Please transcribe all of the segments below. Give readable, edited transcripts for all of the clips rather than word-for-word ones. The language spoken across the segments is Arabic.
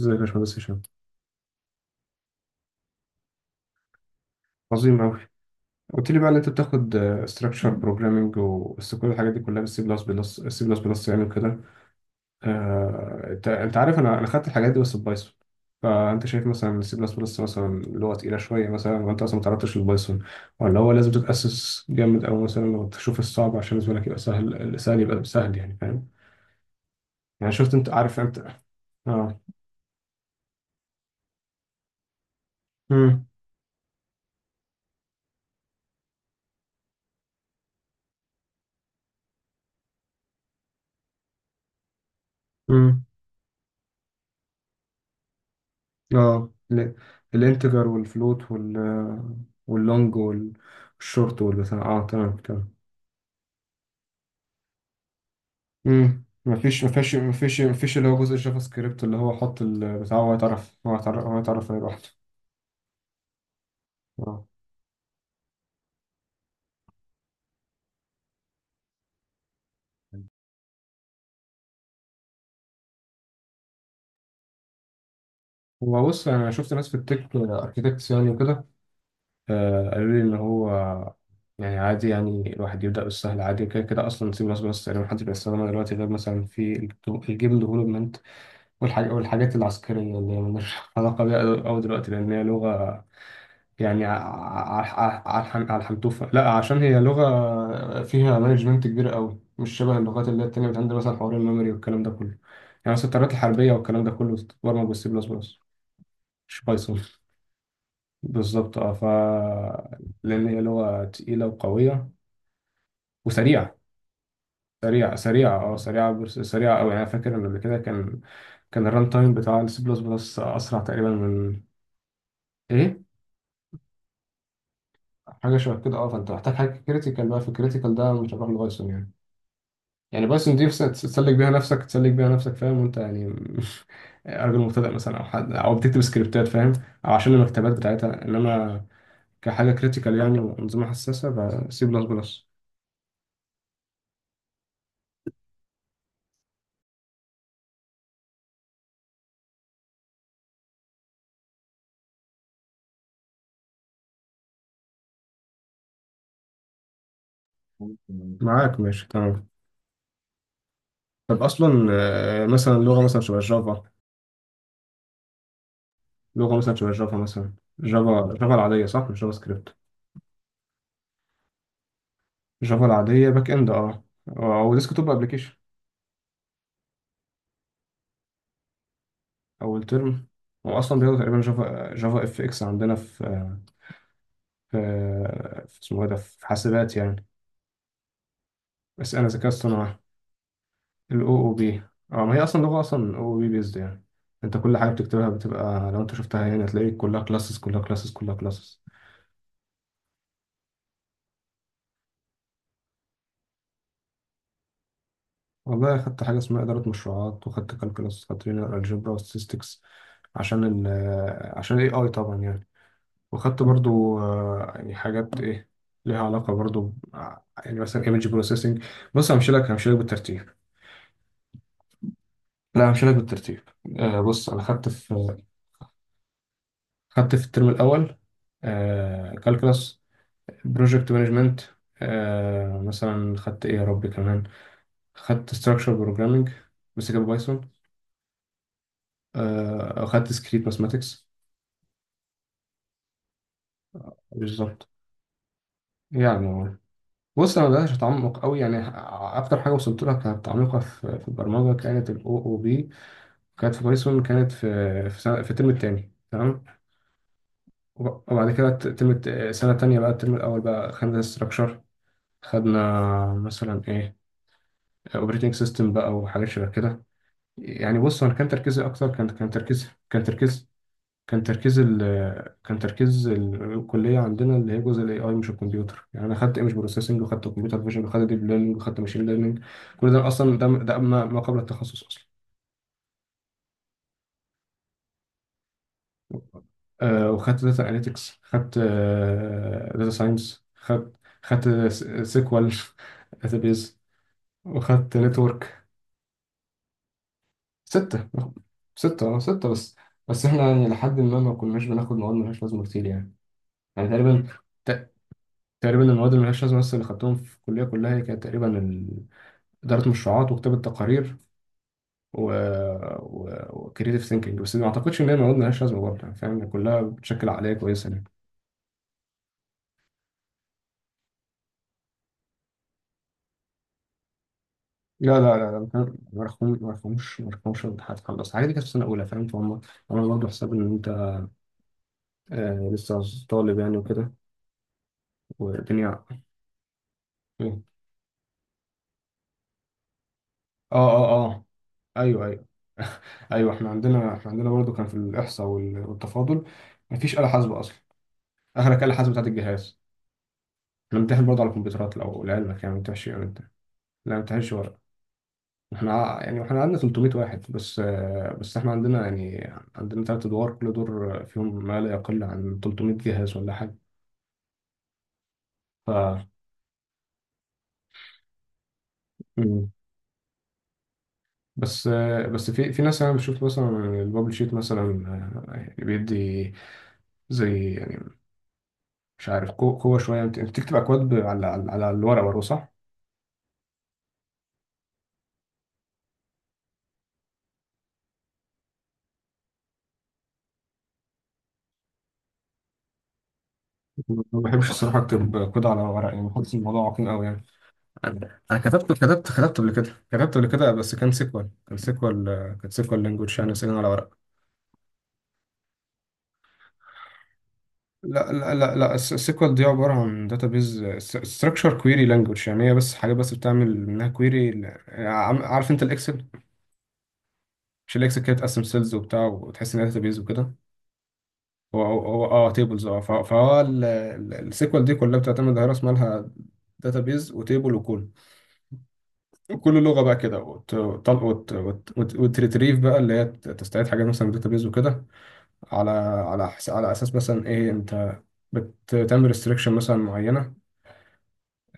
ازيك يا باشمهندس هشام، عظيم أوي. قلت لي بقى إن أنت بتاخد ستراكشر بروجرامنج وبس، كل الحاجات دي كلها بالسي بلس بلس، السي بلس بلس يعني وكده. أنت عارف، أنا خدت الحاجات دي بس ببايثون. فأنت شايف مثلا السي بلس بلس مثلا لغة تقيلة شوية مثلا، وأنت أصلا ما تعرضتش للبايثون، ولا هو لازم تتأسس جامد؟ أو مثلا لو تشوف الصعب عشان بالنسبة لك يبقى سهل، يعني فاهم يعني؟ شفت أنت عارف أنت. آه. مم. مم. اه، الانتجر والفلوت وال، واللونج والشورت والبتاع. اه، تمام تمام. امم، مفيش اللي هو جزء الجافا سكريبت اللي هو حط البتاع، هو يتعرف عليه لوحده. اه. هو بص، انا شفت ناس في التك اركيتكتس يعني وكده، قالوا لي ان هو يعني عادي، يعني الواحد يبدا بالسهل عادي، كده كده اصلا سي بلس بلس تقريبا محدش بيستخدمها دلوقتي غير مثلا في الجيم ديفلوبمنت. والحاجات العسكرية اللي هي ملهاش علاقة بيها أوي دلوقتي، لأن هي لغة يعني على الحنتوفة. لا، عشان هي لغة فيها مانجمنت كبير أوي، مش شبه اللغات اللي هي التانية، بتعمل مثلا حوار الميموري والكلام ده كله. يعني مثلا الطيارات الحربية والكلام ده كله بتتبرمج بالسي بلس بلس، مش بايثون. بالظبط، اه ف لأن هي لغة تقيلة وقوية وسريعة. سريعة سريعة أوي. يعني أنا فاكر إن قبل كده كان الران تايم بتاع السي بلس بلس أسرع تقريبا من. إيه؟ حاجه شبه كده، اه. فانت محتاج حاجه كريتيكال بقى، في الكريتيكال ده مش هتروح لبايثون يعني. يعني بايثون دي بس تسلك بيها نفسك، فاهم وانت يعني؟ راجل مبتدئ مثلا، او حد او بتكتب سكريبتات فاهم، او عشان المكتبات بتاعتها. انما كحاجه كريتيكال يعني، وانظمه حساسه، بسي بلس بلس. ممكن، معاك ماشي تمام. طب اصلا، مثلا لغه مثلا شبه جافا. لغه مثلا شبه جافا مثلا جافا جافا العاديه صح، مش جافا سكريبت. جافا العاديه باك اند اه. او ديسك توب ابلكيشن. اول ترم. هو اصلا بياخدوا تقريبا جافا جافا اف اكس عندنا في، في, في اسمه ايه ده، في حاسبات يعني. بس انا ذكاء اصطناعي. الاو او بي. اه، ما هي اصلا لغه، اصلا او بي بيزد يعني. انت كل حاجه بتكتبها بتبقى، لو انت شفتها يعني هتلاقي كلها كلاسز، كلها كلاسز، كلها كلاسز. والله خدت حاجه اسمها اداره مشروعات، وخدت كالكولاس، خدت لينير الجبرا وستاتستكس عشان ال عشان الاي اي طبعا يعني. وخدت برضو، يعني حاجات ايه ليها علاقة برضو يعني مثلا ايمج بروسيسنج. بص، همشي لك بالترتيب. لا، همشي لك بالترتيب. بص انا خدت في، خدت في الترم الاول كالكلاس، بروجكت مانجمنت. مثلا خدت ايه يا ربي كمان؟ خدت ستراكشر بروجرامنج بس كان بايثون. خدت سكريت ماثماتكس. بالظبط. يعني هو- بص انا مبقاش اتعمق قوي يعني. اكتر حاجه وصلت لها كانت تعميقها في البرمجه كانت الاو او بي. كانت في بايثون، كانت سنة، في الترم التاني تمام. وبعد كده سنة تانية بقى، الترم الأول بقى خدنا ستراكشر. خدنا مثلا إيه، أوبريتنج سيستم بقى وحاجات شبه كده. يعني بص، أنا كان تركيزي أكتر، كان كان تركيز كان تركيز كان تركيز ال كان تركيز الكلية عندنا اللي هي جزء الاي اي، مش الكمبيوتر يعني. انا خدت ايمج بروسيسنج، وخدت كمبيوتر فيجن، وخدت ديب ليرنينج، وخدت ماشين ليرنينج. كل ده اصلا ده ده ما ما قبل التخصص اصلا. وخدت داتا اناليتكس، خدت داتا ساينس، خدت سيكوال، داتابيز، وخدت نتورك. ستة ستة، اه ستة بس. بس احنا يعني لحد ما، كناش بناخد مواد ملهاش لازمة كتير يعني. يعني تقريبا، ت- تقريبا المواد اللي ملهاش لازمة بس اللي خدتهم في الكلية كلها، هي كانت تقريبا إدارة مشروعات، وكتابة تقارير، و و وكريتيف ثينكينج. بس ما اعتقدش ان هي مواد ملهاش لازمة برضه يعني، فاهم يعني؟ كلها بتشكل عقلية كويسة يعني. لا لا لا لا، ما كان- ما رقمش ما رقمش ما رقمش الامتحانات خلاص، الحاجات دي كانت في سنة أولى، فاهم فهم. عملوا برضه حساب إن أنت، لسه طالب يعني وكده. والدنيا. إيه. آه آه آه. أيوه أيوه. أيوه، إحنا عندنا، إحنا عندنا برضه كان في الإحصاء والتفاضل، مفيش آلة حاسبة أصلا. آخرك آلة حاسبة بتاعت الجهاز. إحنا بنمتحن برضه على الكمبيوترات لو لعلمك يعني، ما بنمتحنش يعني، أنت لا. ما بنمتحنش ورق. إحنا يعني إحنا عندنا 300 واحد بس. آه بس إحنا عندنا يعني، عندنا تلات أدوار، كل دور فيهم ما لا يقل عن 300 جهاز ولا حاجة. ف. مم. بس بس في ناس، انا بشوف مثلا البابل شيت مثلا، يعني بيدي زي يعني، مش عارف قوه شويه. انت أنت بتكتب اكواد على على الورق برضه صح؟ ما بحبش الصراحه اكتب كود على ورق يعني، بحس الموضوع عقيم قوي يعني. أنا كتبت قبل كده، بس كان سيكوال. كان سيكوال لانجوج يعني، سيكوال على ورق. لا لا لا لا، السيكوال دي عباره عن داتابيز، ستراكشر كويري لانجوج يعني، هي بس حاجه بس بتعمل منها كويري. عارف انت الاكسل؟ مش الاكسل كده بتقسم سيلز وبتاع، وتحس ان بيز وكده؟ هو اه، تيبلز اه، فهو السيكوال دي كلها بتعتمد على راس مالها، بيز وتيبل، وكل، وكل لغه بقى كده. وتريتريف بقى، اللي هي تستعيد حاجات مثلا من بيز وكده، على، على على اساس مثلا ايه انت بتعمل ريستريكشن مثلا معينه،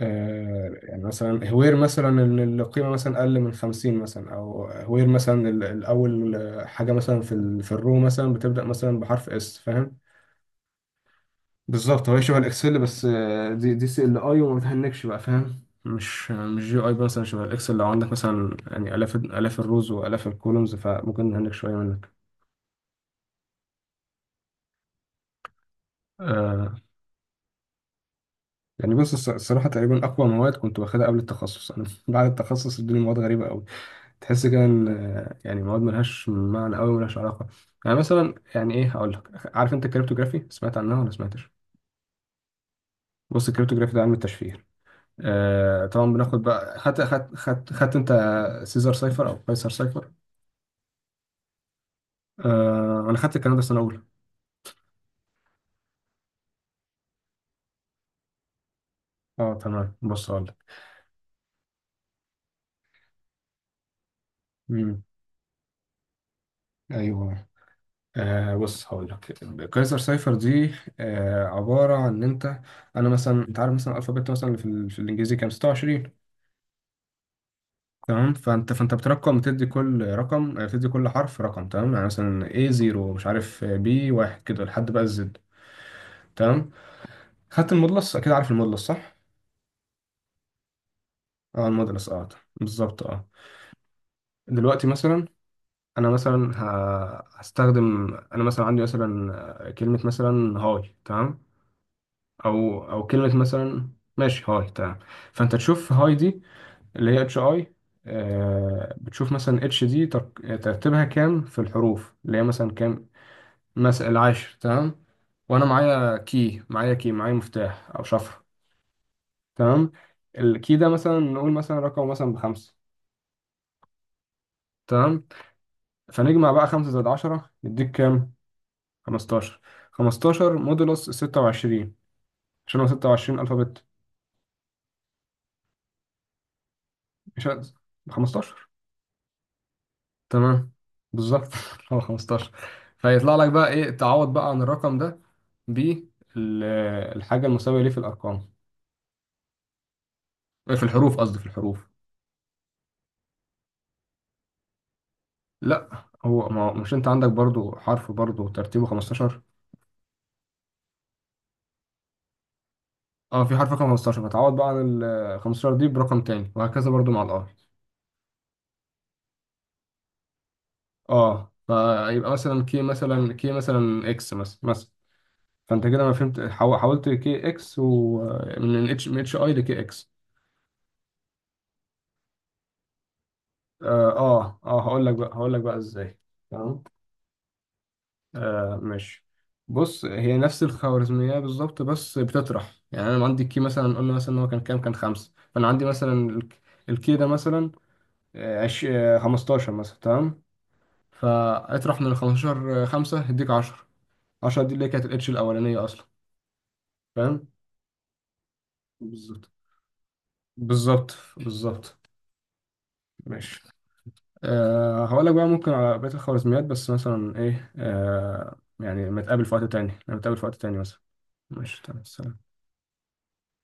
يعني مثلا هوير مثلا ان القيمه مثلا اقل من 50 مثلا، او هوير مثلا الاول حاجه مثلا في الرو مثلا بتبدا مثلا بحرف اس، فاهم؟ بالظبط، هو شبه الاكسل بس، دي دي سي ال اي، وما بتهنكش بقى فاهم. مش جي اي مثلا شبه الاكسل لو عندك مثلا يعني الاف الاف الروز والاف الكولومز، فممكن نهنك شويه منك. آه. يعني بص، الصراحه تقريبا اقوى مواد كنت واخدها قبل التخصص انا. بعد التخصص الدنيا مواد غريبه قوي. تحس كده ان، يعني مواد ملهاش معنى قوي، ملهاش علاقه. يعني مثلا، يعني ايه، هقول لك. عارف انت الكريپتوغرافي، سمعت عنها ولا سمعتش؟ بص الكريپتوغرافي ده علم التشفير. آه طبعا بناخد بقى، خدت انت سيزار سايفر او قيصر سايفر. انا خدت الكلام ده سنه اولى. اه تمام، بص هقول لك. امم. ايوه. بص هقول لك. قيصر سايفر دي، عباره عن ان انت، انا مثلا. انت عارف مثلا الالفابت مثلا اللي في الانجليزي كام؟ 26. تمام. فانت بترقم، بتدي كل حرف رقم. تمام، يعني مثلا A 0 مش عارف، B واحد، كده لحد بقى الزد. تمام. خدت المودلس؟ اكيد عارف المودلس صح. اه المودلس اه. بالظبط اه. دلوقتي مثلا، انا مثلا هستخدم، انا مثلا عندي مثلا، كلمة مثلا هاي تمام. او كلمة مثلا، ماشي، هاي تمام. فانت تشوف هاي دي، اللي هي اتش اي، بتشوف مثلا اتش دي ترتيبها كام في الحروف اللي هي مثلا كام؟ مثلا العاشر، تمام. وانا معايا كي، معايا مفتاح او شفره. تمام. الكي ده مثلا نقول مثلا رقم مثلا بخمسة. تمام. فنجمع بقى، خمسة زائد 10 يديك كام؟ 15. خمستاشر مودولوس 26، عشان هو 26 ألفابت. مش 15. تمام، بالظبط. هو 15. فيطلع لك بقى، ايه، تعوض بقى عن الرقم ده بالحاجة المساوية ليه في الأرقام، إيه، في الحروف قصدي، في الحروف. لا، هو ما مش، انت عندك برضو حرف برضو ترتيبه 15. اه، في حرف رقم 15، فتعوض بقى عن ال 15 دي برقم تاني، وهكذا برضو مع الار. اه، فيبقى مثلا كي، مثلا اكس مثلا فانت كده ما فهمت، حولت كي اكس، ومن اتش، من اتش اي لكي اكس. هقول لك بقى، ازاي. تمام. ماشي. بص هي نفس الخوارزمية بالظبط، بس بتطرح يعني. أنا لما عندي الكي مثلا، قلنا مثلا إن هو كان كام، كان خمسة، فأنا عندي مثلا الكي ده مثلا، آه، عش... آه، 15 مثلا تمام. فاطرح من ال 15 خمسة، هيديك 10. 10 دي اللي هي كانت الاتش الأولانية أصلا، فاهم. بالظبط بالظبط بالظبط. ماشي. هقول لك بقى ممكن على بقية الخوارزميات بس. مثلا إيه، يعني ما تقابل في وقت تاني، نتقابل في وقت تاني مثلا. ماشي، تمام، سلام.